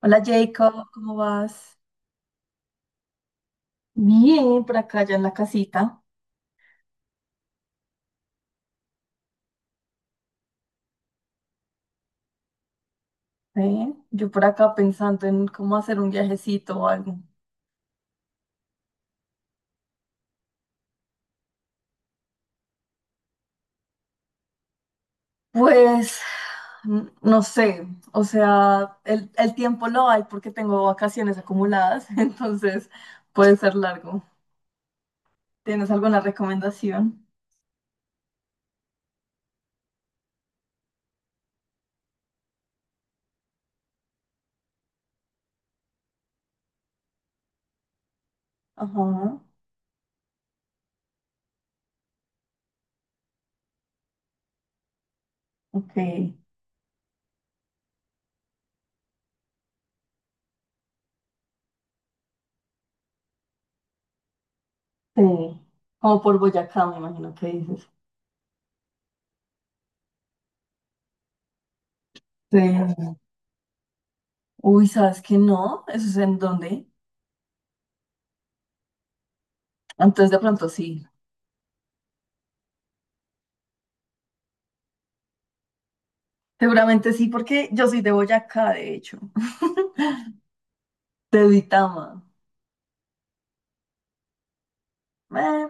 Hola Jacob, ¿cómo vas? Bien, por acá ya en la casita. ¿Eh? Yo por acá pensando en cómo hacer un viajecito o algo. Pues no sé, o sea, el tiempo lo hay porque tengo vacaciones acumuladas, entonces puede ser largo. ¿Tienes alguna recomendación? Ajá, ok. Sí. Como por Boyacá, me imagino que dices. Sí. Uy, ¿sabes qué no? ¿Eso es en dónde? Entonces de pronto sí. Seguramente sí, porque yo soy de Boyacá, de hecho, de Duitama. Eh,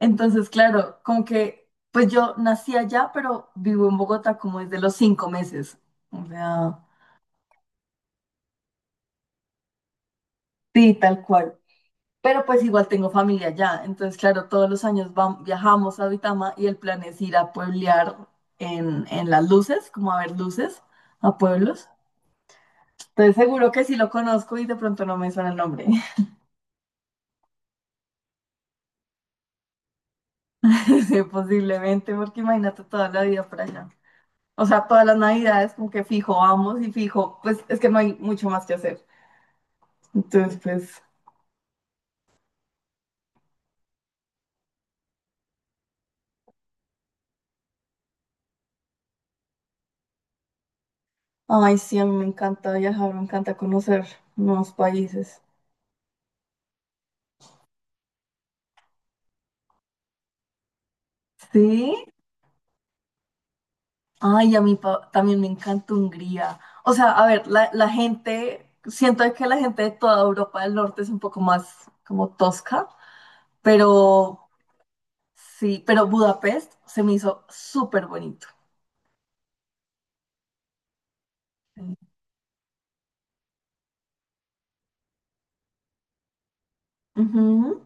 Entonces, claro, como que, pues yo nací allá, pero vivo en Bogotá como desde los 5 meses. O sea, sí, tal cual. Pero pues igual tengo familia allá. Entonces, claro, todos los años viajamos a Duitama y el plan es ir a pueblear en las luces, como a ver luces, a pueblos. Entonces, seguro que sí lo conozco y de pronto no me suena el nombre. Posiblemente, porque imagínate toda la vida por allá. O sea, todas las navidades como que fijo vamos y fijo, pues es que no hay mucho más que hacer. Entonces, pues, ay, sí, a mí me encanta viajar, me encanta conocer nuevos países. Sí, ay, a mí también me encanta Hungría. O sea, a ver, la gente, siento que la gente de toda Europa del Norte es un poco más como tosca, pero sí, pero Budapest se me hizo súper bonito. Ujú,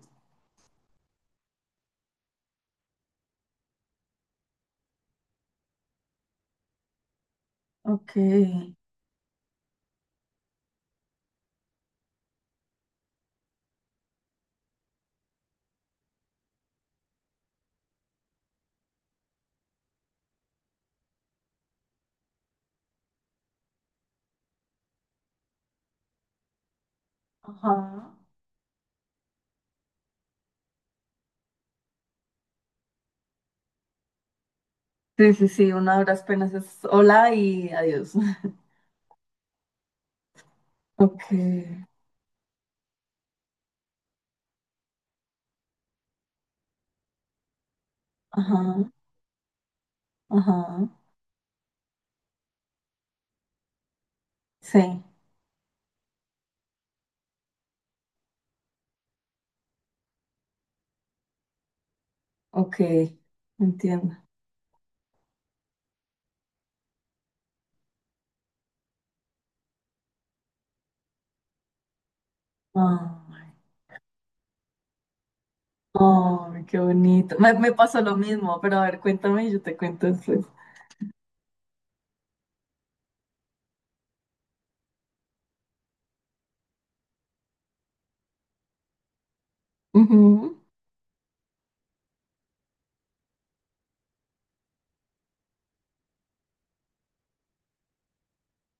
ok. Ajá. Sí, sí, sí, una de las penas es hola y adiós. Ok, ajá, ajá, sí, ok, entiendo. Ay, ay, qué bonito. Me pasó lo mismo, pero a ver, cuéntame y yo te cuento después. Ujú,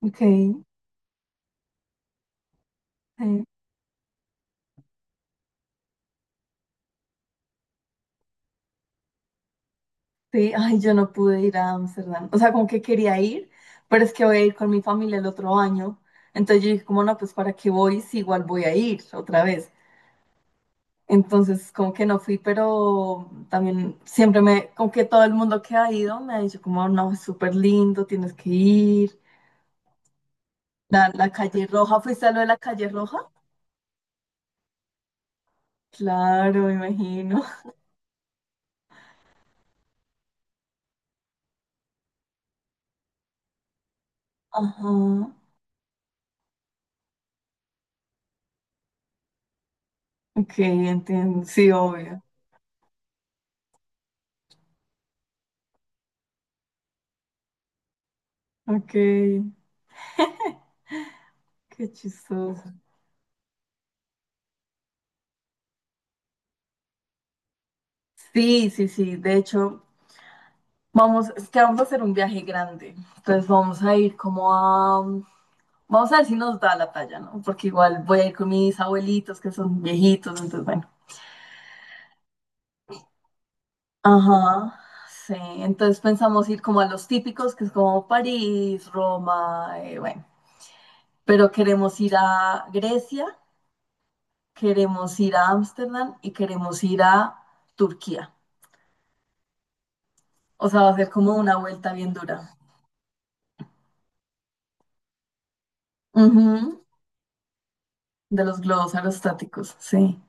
ok, sí, sí, ay, yo no pude ir a Ámsterdam. O sea, como que quería ir, pero es que voy a ir con mi familia el otro año. Entonces yo dije, como no, pues para qué voy si igual voy a ir otra vez. Entonces, como que no fui, pero también siempre me, como que todo el mundo que ha ido me ha dicho como, no, es súper lindo, tienes que ir. La calle roja, ¿fuiste a lo de la calle roja? Claro, me imagino. Ajá. Ok, entiendo. Sí, obvio. Ok, qué chistoso. Sí, sí, sí. De hecho, vamos, es que vamos a hacer un viaje grande. Entonces vamos a ir como a... Vamos a ver si nos da la talla, ¿no? Porque igual voy a ir con mis abuelitos que son viejitos, entonces bueno. Ajá, sí. Entonces pensamos ir como a los típicos, que es como París, Roma, bueno. Pero queremos ir a Grecia, queremos ir a Ámsterdam y queremos ir a Turquía. O sea, va a ser como una vuelta bien dura. Ujú, de los globos aerostáticos, sí.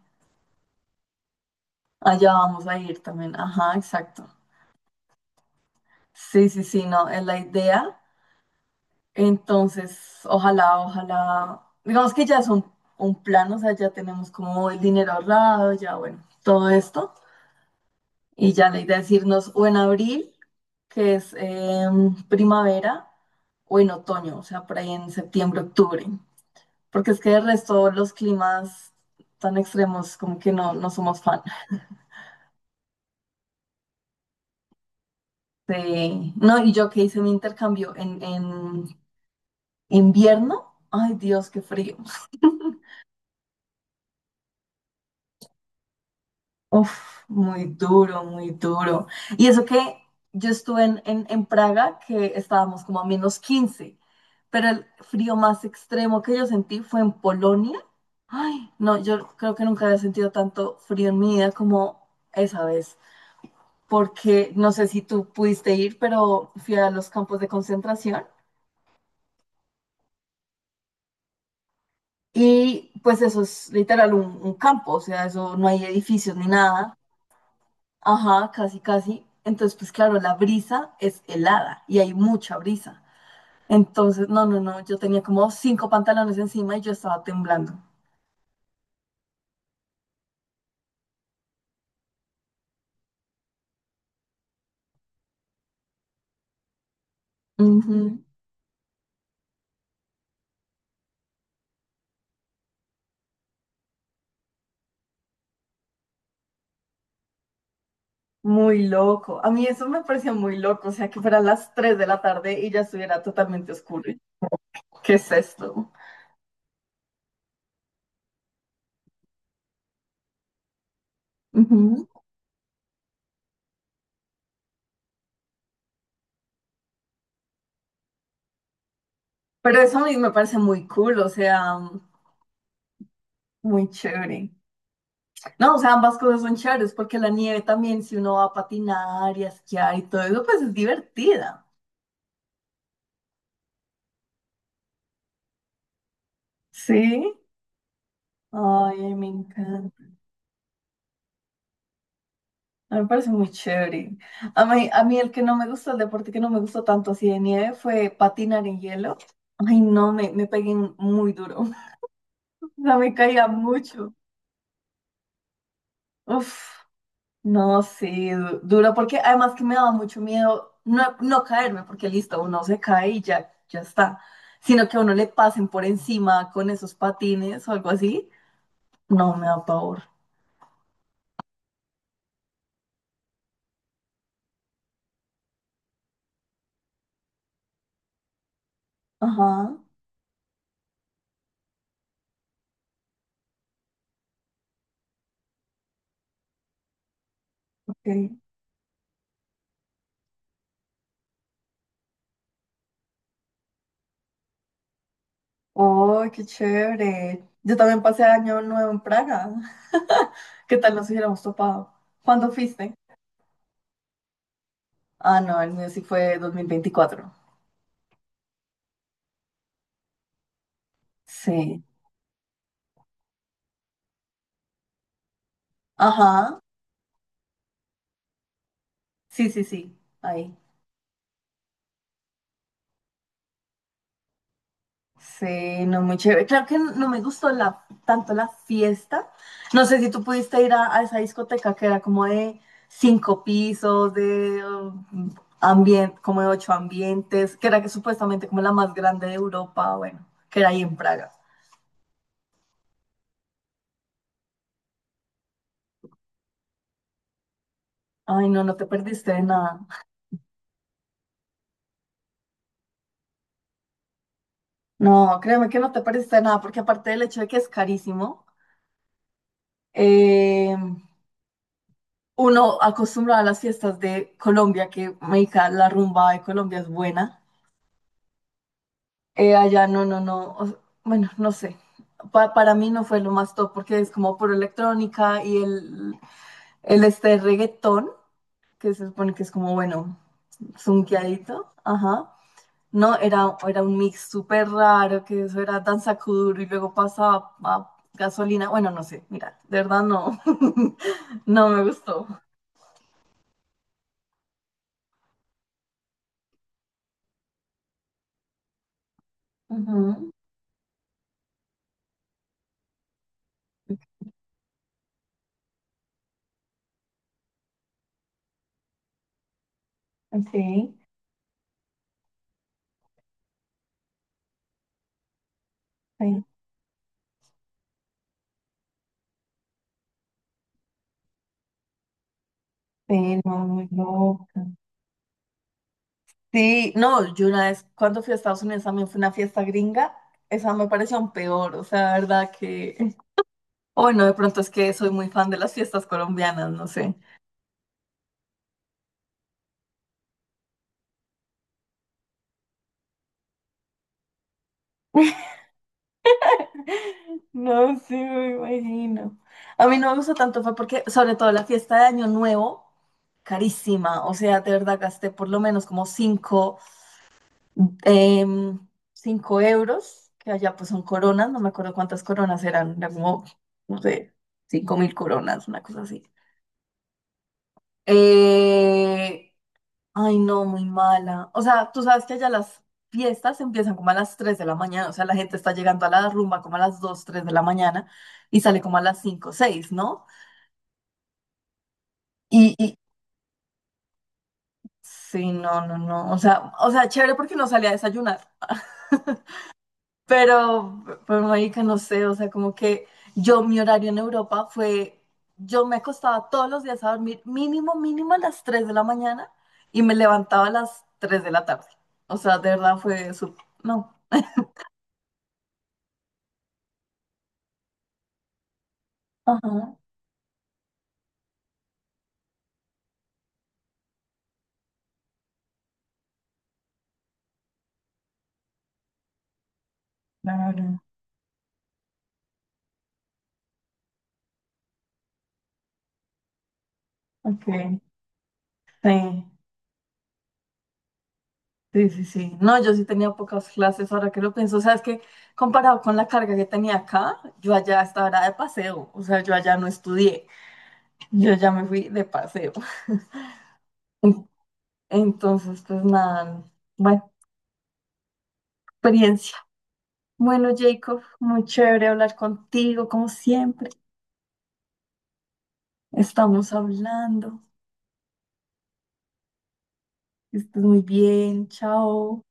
Allá vamos a ir también. Ajá, exacto. Sí, sí, sí, no, es la idea. Entonces, ojalá, ojalá, digamos que ya es un plan, o sea, ya tenemos como el dinero ahorrado, ya bueno, todo esto. Y ya la idea es irnos o en abril, que es primavera, o en otoño, o sea, por ahí en septiembre, octubre. Porque es que de resto los climas tan extremos como que no, no somos fan. Sí. No, y yo que hice mi intercambio en invierno, ay Dios, qué frío. Uf, muy duro, muy duro. Y eso que yo estuve en Praga, que estábamos como a -15, pero el frío más extremo que yo sentí fue en Polonia. Ay, no, yo creo que nunca había sentido tanto frío en mi vida como esa vez, porque no sé si tú pudiste ir, pero fui a los campos de concentración. Y pues eso es literal un campo, o sea, eso no hay edificios ni nada. Ajá, casi, casi. Entonces, pues claro, la brisa es helada y hay mucha brisa. Entonces, no, no, no, yo tenía como cinco pantalones encima y yo estaba temblando. Ujú, muy loco. A mí eso me parecía muy loco, o sea, que fueran las 3 de la tarde y ya estuviera totalmente oscuro. ¿Qué es esto? Ujú. Pero eso a mí me parece muy cool, o sea, muy chévere. No, o sea, ambas cosas son chéveres porque la nieve también, si uno va a patinar y a esquiar y todo eso, pues es divertida. Sí. Ay, me encanta. A mí me parece muy chévere. A mí el que no me gusta, el deporte que no me gustó tanto así de nieve fue patinar en hielo. Ay, no, me pegué muy duro. O sea, me caía mucho. Uf, no, sí, duro, porque además que me daba mucho miedo no, no caerme, porque listo, uno se cae y ya, ya está. Sino que a uno le pasen por encima con esos patines o algo así. No, me da pavor. Ajá, ok. Oh, qué chévere. Yo también pasé año nuevo en Praga. ¿Qué tal nos hubiéramos topado? ¿Cuándo fuiste? Ah, no, el mío sí fue 2024. Sí. Ajá. Sí, sí, sí. Ahí. Sí, no, muy chévere. Claro que no me gustó la, tanto la fiesta. No sé si tú pudiste ir a esa discoteca que era como de cinco pisos, de como de ocho ambientes, que era que supuestamente como la más grande de Europa, bueno, que era ahí en Praga. Ay, no, no te perdiste de nada. No, créeme que no te perdiste de nada, porque aparte del hecho de que es carísimo, eh, uno acostumbrado a las fiestas de Colombia, que marica, la rumba de Colombia es buena. Allá no, no, no. Bueno, no sé. Para mí no fue lo más top, porque es como por electrónica y el este reggaetón, que se supone que es como, bueno, zunqueadito. Ajá. No, era un mix súper raro, que eso era danza kuduro y luego pasaba a gasolina. Bueno, no sé, mira, de verdad no, no me gustó. Ujú, ok, ay, sí, no, muy loca. Sí, no, yo una vez cuando fui a Estados Unidos también fue una fiesta gringa, esa me pareció aún peor, o sea, la verdad que, o bueno, de pronto es que soy muy fan de las fiestas colombianas, no sé. No, sí, me imagino. A mí no me gustó tanto, fue porque, sobre todo la fiesta de Año Nuevo, carísima. O sea, de verdad gasté por lo menos como cinco em, cinco euros, que allá pues son coronas, no me acuerdo cuántas coronas eran, eran como, no sé, 5.000 coronas, una cosa así. Eh, Ay, no, muy mala. O sea, tú sabes que allá las fiestas empiezan como a las 3 de la mañana. O sea, la gente está llegando a la rumba como a las 2, 3 de la mañana y sale como a las cinco, seis, ¿no? Y sí, no, no, no. O sea, chévere porque no salía a desayunar. Pero marica, no sé, o sea, como que yo, mi horario en Europa fue, yo me acostaba todos los días a dormir mínimo, mínimo a las 3 de la mañana y me levantaba a las 3 de la tarde. O sea, de verdad fue su, no, ajá, claro, ok. Sí, sí, sí, sí. No, yo sí tenía pocas clases, ahora que lo pienso. O sea, es que comparado con la carga que tenía acá, yo allá estaba era de paseo. O sea, yo allá no estudié. Yo ya me fui de paseo. En- Entonces, pues nada, buena experiencia. Bueno, Jacob, muy chévere hablar contigo, como siempre. Estamos hablando. Que estés muy bien, chao.